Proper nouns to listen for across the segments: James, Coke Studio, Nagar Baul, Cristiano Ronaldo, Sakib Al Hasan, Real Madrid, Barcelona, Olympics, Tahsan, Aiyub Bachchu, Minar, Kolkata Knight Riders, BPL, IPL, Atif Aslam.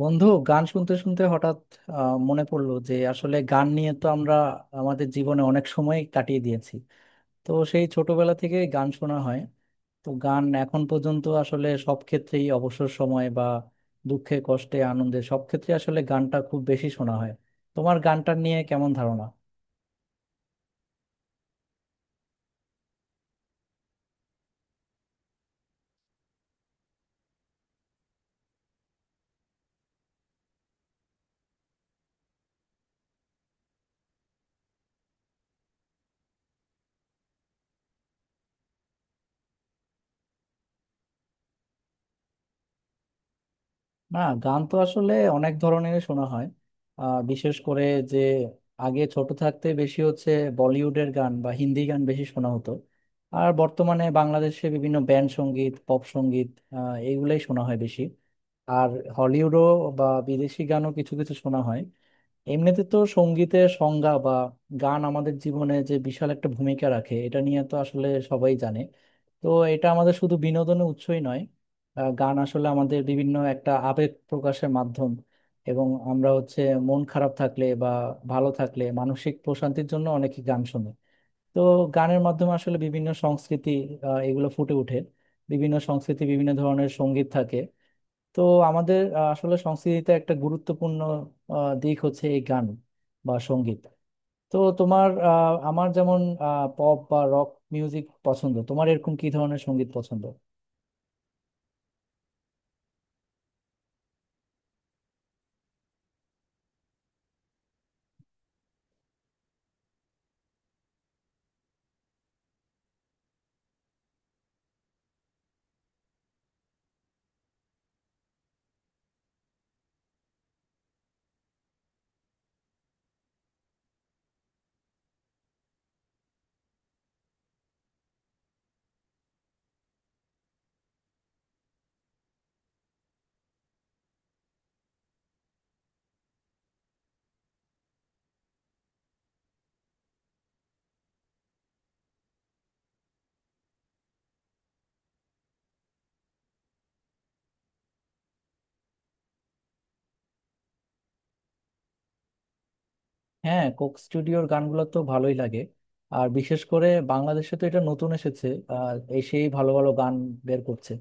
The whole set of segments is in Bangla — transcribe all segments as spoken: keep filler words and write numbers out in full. বন্ধু, গান শুনতে শুনতে হঠাৎ আহ, মনে পড়লো যে আসলে গান নিয়ে তো আমরা আমাদের জীবনে অনেক সময় কাটিয়ে দিয়েছি। তো সেই ছোটবেলা থেকে গান শোনা হয়। তো গান এখন পর্যন্ত আসলে সব ক্ষেত্রেই অবসর সময় বা দুঃখে কষ্টে আনন্দে সব ক্ষেত্রে আসলে গানটা খুব বেশি শোনা হয়। তোমার গানটা নিয়ে কেমন ধারণা? না, গান তো আসলে অনেক ধরনের শোনা হয়। আহ, বিশেষ করে যে আগে ছোট থাকতে বেশি হচ্ছে বলিউডের গান বা হিন্দি গান বেশি শোনা হতো। আর বর্তমানে বাংলাদেশে বিভিন্ন ব্যান্ড সঙ্গীত, পপ সঙ্গীত, আহ, এইগুলাই শোনা হয় বেশি। আর হলিউডও বা বিদেশি গানও কিছু কিছু শোনা হয়। এমনিতে তো সঙ্গীতের সংজ্ঞা বা গান আমাদের জীবনে যে বিশাল একটা ভূমিকা রাখে এটা নিয়ে তো আসলে সবাই জানে। তো এটা আমাদের শুধু বিনোদনের উৎসই নয়, আহ, গান আসলে আমাদের বিভিন্ন একটা আবেগ প্রকাশের মাধ্যম। এবং আমরা হচ্ছে মন খারাপ থাকলে বা ভালো থাকলে মানসিক প্রশান্তির জন্য অনেকে গান শুনে। তো গানের মাধ্যমে আসলে বিভিন্ন সংস্কৃতি আহ, এগুলো ফুটে ওঠে। বিভিন্ন সংস্কৃতি বিভিন্ন ধরনের সঙ্গীত থাকে। তো আমাদের আহ, আসলে সংস্কৃতিতে একটা গুরুত্বপূর্ণ আহ, দিক হচ্ছে এই গান বা সঙ্গীত। তো তোমার আহ, আমার যেমন পপ বা রক মিউজিক পছন্দ, তোমার এরকম কি ধরনের সঙ্গীত পছন্দ? হ্যাঁ, কোক স্টুডিওর গানগুলো তো ভালোই লাগে। আর বিশেষ করে বাংলাদেশে তো এটা নতুন এসেছে, আর এসেই ভালো ভালো গান বের করছে।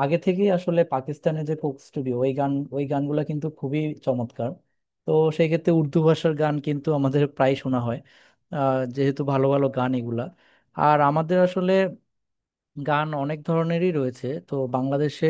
আগে থেকেই আসলে পাকিস্তানে যে কোক স্টুডিও, ওই গান ওই গানগুলো কিন্তু খুবই চমৎকার। তো সেই ক্ষেত্রে উর্দু ভাষার গান কিন্তু আমাদের প্রায় শোনা হয়, আহ, যেহেতু ভালো ভালো গান এগুলা। আর আমাদের আসলে গান অনেক ধরনেরই রয়েছে তো বাংলাদেশে।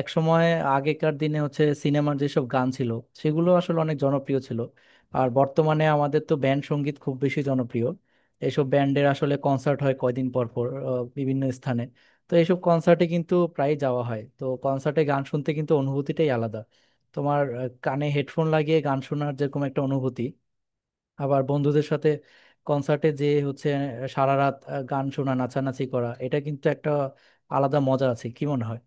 এক সময় আগেকার দিনে হচ্ছে সিনেমার যেসব গান ছিল, সেগুলো আসলে অনেক জনপ্রিয় ছিল। আর বর্তমানে আমাদের তো ব্যান্ড সঙ্গীত খুব বেশি জনপ্রিয়। এসব ব্যান্ডের আসলে কনসার্ট হয় কয়দিন পর পর আহ, বিভিন্ন স্থানে। তো এইসব কনসার্টে কিন্তু প্রায় যাওয়া হয়। তো কনসার্টে গান শুনতে কিন্তু অনুভূতিটাই আলাদা। তোমার আহ, কানে হেডফোন লাগিয়ে গান শোনার যেরকম একটা অনুভূতি, আবার বন্ধুদের সাথে কনসার্টে যে হচ্ছে সারা রাত গান শোনা, নাচানাচি করা, এটা কিন্তু একটা আলাদা মজা আছে, কি মনে হয়?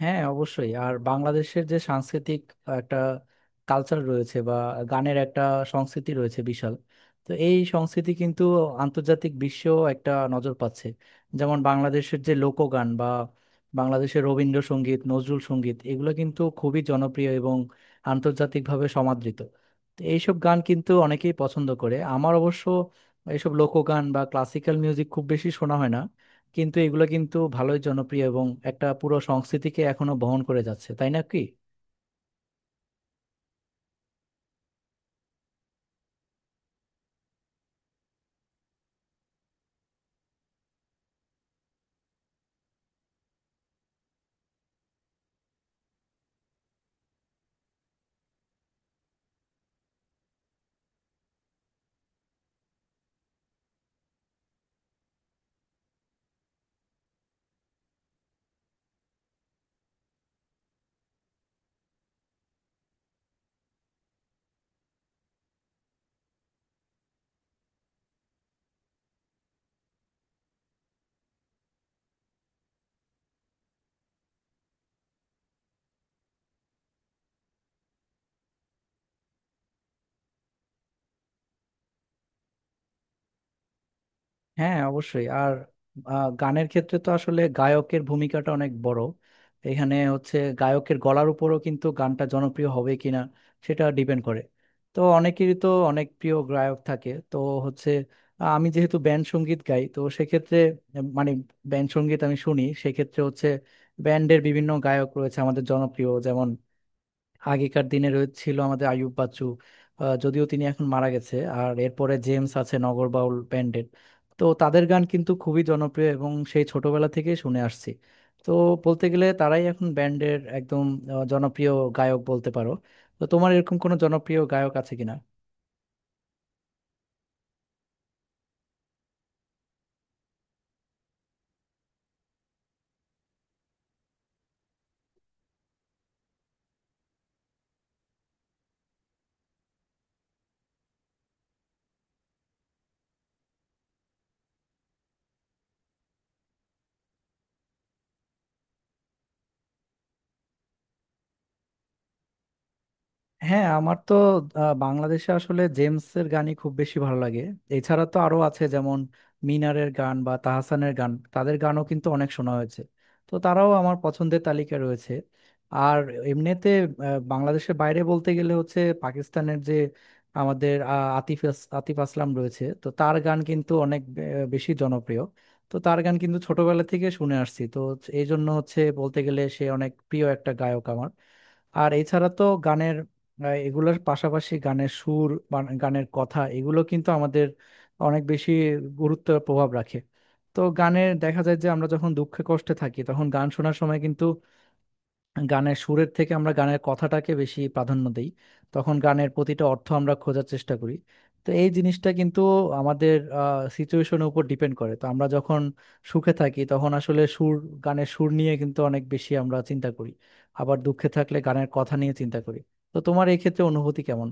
হ্যাঁ, অবশ্যই। আর বাংলাদেশের যে সাংস্কৃতিক একটা কালচার রয়েছে বা গানের একটা সংস্কৃতি রয়েছে বিশাল, তো এই সংস্কৃতি কিন্তু আন্তর্জাতিক বিশ্বেও একটা নজর পাচ্ছে। যেমন বাংলাদেশের যে লোকগান বা বাংলাদেশের রবীন্দ্রসঙ্গীত, নজরুল সঙ্গীত, এগুলো কিন্তু খুবই জনপ্রিয় এবং আন্তর্জাতিকভাবে সমাদৃত। তো এইসব গান কিন্তু অনেকেই পছন্দ করে। আমার অবশ্য এইসব লোকগান বা ক্লাসিক্যাল মিউজিক খুব বেশি শোনা হয় না, কিন্তু এগুলো কিন্তু ভালোই জনপ্রিয় এবং একটা পুরো সংস্কৃতিকে এখনো বহন করে যাচ্ছে, তাই না কি? হ্যাঁ, অবশ্যই। আর আহ, গানের ক্ষেত্রে তো আসলে গায়কের ভূমিকাটা অনেক বড়। এখানে হচ্ছে গায়কের গলার উপরও কিন্তু গানটা জনপ্রিয় হবে কিনা সেটা ডিপেন্ড করে। তো অনেকেরই তো অনেক প্রিয় গায়ক থাকে। তো হচ্ছে আহ, আমি যেহেতু ব্যান্ড সঙ্গীত গাই, তো সেক্ষেত্রে আহ, মানে ব্যান্ড সঙ্গীত আমি শুনি, সেক্ষেত্রে হচ্ছে ব্যান্ডের বিভিন্ন গায়ক রয়েছে আমাদের জনপ্রিয়। যেমন আগেকার দিনে রয়ে- ছিল আমাদের আইয়ুব বাচ্চু, আহ, যদিও তিনি এখন মারা গেছে। আর এরপরে জেমস আছে নগরবাউল ব্যান্ডের। তো তাদের গান কিন্তু খুবই জনপ্রিয় এবং সেই ছোটবেলা থেকে শুনে আসছি। তো বলতে গেলে তারাই এখন ব্যান্ডের একদম আহ, জনপ্রিয় গায়ক বলতে পারো। তো তোমার এরকম কোনো জনপ্রিয় গায়ক আছে কিনা? হ্যাঁ, আমার তো আহ, বাংলাদেশে আসলে জেমসের গানই খুব বেশি ভালো লাগে। এছাড়া তো আরো আছে, যেমন মিনারের গান বা তাহসানের গান, তাদের গানও কিন্তু অনেক শোনা হয়েছে। তো তারাও আমার পছন্দের তালিকায় রয়েছে। আর এমনিতে আহ, বাংলাদেশের বাইরে বলতে গেলে হচ্ছে পাকিস্তানের যে আমাদের আহ, আতিফ আস- আতিফ আসলাম রয়েছে, তো তার গান কিন্তু অনেক আহ, বেশি জনপ্রিয়। তো তার গান কিন্তু ছোটবেলা থেকে শুনে আসছি। তো এই জন্য হচ্ছে বলতে গেলে সে অনেক প্রিয় একটা গায়ক আমার। আর এছাড়া তো গানের আহ, এগুলোর পাশাপাশি গানের সুর বান- গানের কথা এগুলো কিন্তু আমাদের অনেক বেশি গুরুত্ব প্রভাব রাখে। তো গানের দেখা যায় যে আমরা যখন দুঃখে কষ্টে থাকি তখন গান শোনার সময় কিন্তু গানের সুরের থেকে আমরা গানের কথাটাকে বেশি প্রাধান্য দিই। তখন গানের প্রতিটা অর্থ আমরা খোঁজার চেষ্টা করি। তো এই জিনিসটা কিন্তু আমাদের সিচুয়েশনের উপর ডিপেন্ড করে। তো আমরা যখন সুখে থাকি তখন আসলে সুর, গানের সুর নিয়ে কিন্তু অনেক বেশি আমরা চিন্তা করি। আবার দুঃখে থাকলে গানের কথা নিয়ে চিন্তা করি। তো তোমার এই ক্ষেত্রে অনুভূতি কেমন?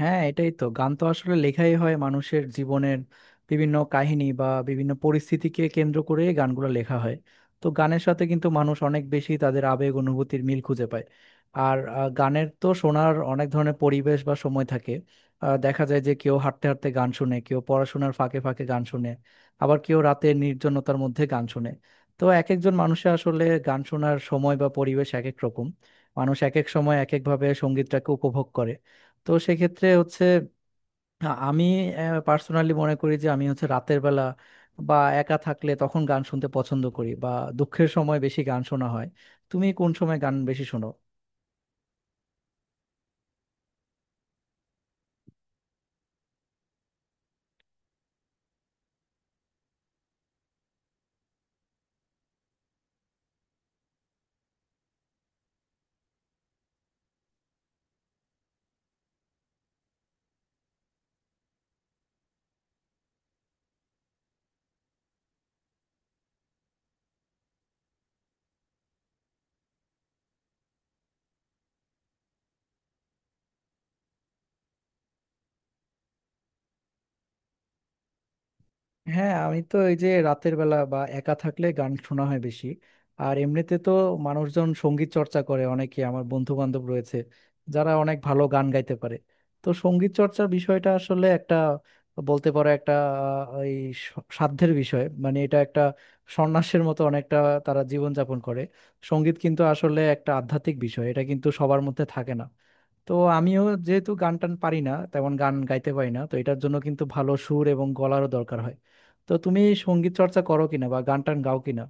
হ্যাঁ, এটাই তো। গান তো আসলে লেখাই হয় মানুষের জীবনের বিভিন্ন কাহিনী বা বিভিন্ন পরিস্থিতিকে কেন্দ্র করে গানগুলো লেখা হয়। তো গানের সাথে কিন্তু মানুষ অনেক বেশি তাদের আবেগ অনুভূতির মিল খুঁজে পায়। আর আহ, গানের তো শোনার অনেক ধরনের পরিবেশ বা সময় থাকে। আহ, দেখা যায় যে কেউ হাঁটতে হাঁটতে গান শুনে, কেউ পড়াশোনার ফাঁকে ফাঁকে গান শুনে, আবার কেউ রাতে নির্জনতার মধ্যে গান শুনে। তো এক একজন মানুষের আসলে গান শোনার সময় বা পরিবেশ এক এক রকম। মানুষ এক এক সময় এক একভাবে সঙ্গীতটাকে উপভোগ করে। তো সেক্ষেত্রে হচ্ছে আ- আমি পার্সোনালি মনে করি যে আমি হচ্ছে রাতের বেলা বা একা থাকলে তখন গান শুনতে পছন্দ করি, বা দুঃখের সময় বেশি গান শোনা হয়। তুমি কোন সময় গান বেশি শোনো? হ্যাঁ, আমি তো এই যে রাতের বেলা বা একা থাকলে গান শোনা হয় বেশি। আর এমনিতে তো মানুষজন সঙ্গীত চর্চা করে অনেকে। আমার বন্ধু বান্ধব রয়েছে যারা অনেক ভালো গান গাইতে পারে। তো সঙ্গীত চর্চার বিষয়টা আসলে একটা, বলতে পারো একটা আহ, এই স- সাধ্যের বিষয়, মানে এটা একটা সন্ন্যাসের মতো অনেকটা তারা জীবনযাপন করে। সঙ্গীত কিন্তু আসলে একটা আধ্যাত্মিক বিষয়, এটা কিন্তু সবার মধ্যে থাকে না। তো আমিও যেহেতু গান টান পারি না, তেমন গান গাইতে পারি না, তো এটার জন্য কিন্তু ভালো সুর এবং গলারও দরকার হয়। তো তুমি সঙ্গীত চর্চা করো কিনা বা গান টান গাও কিনা?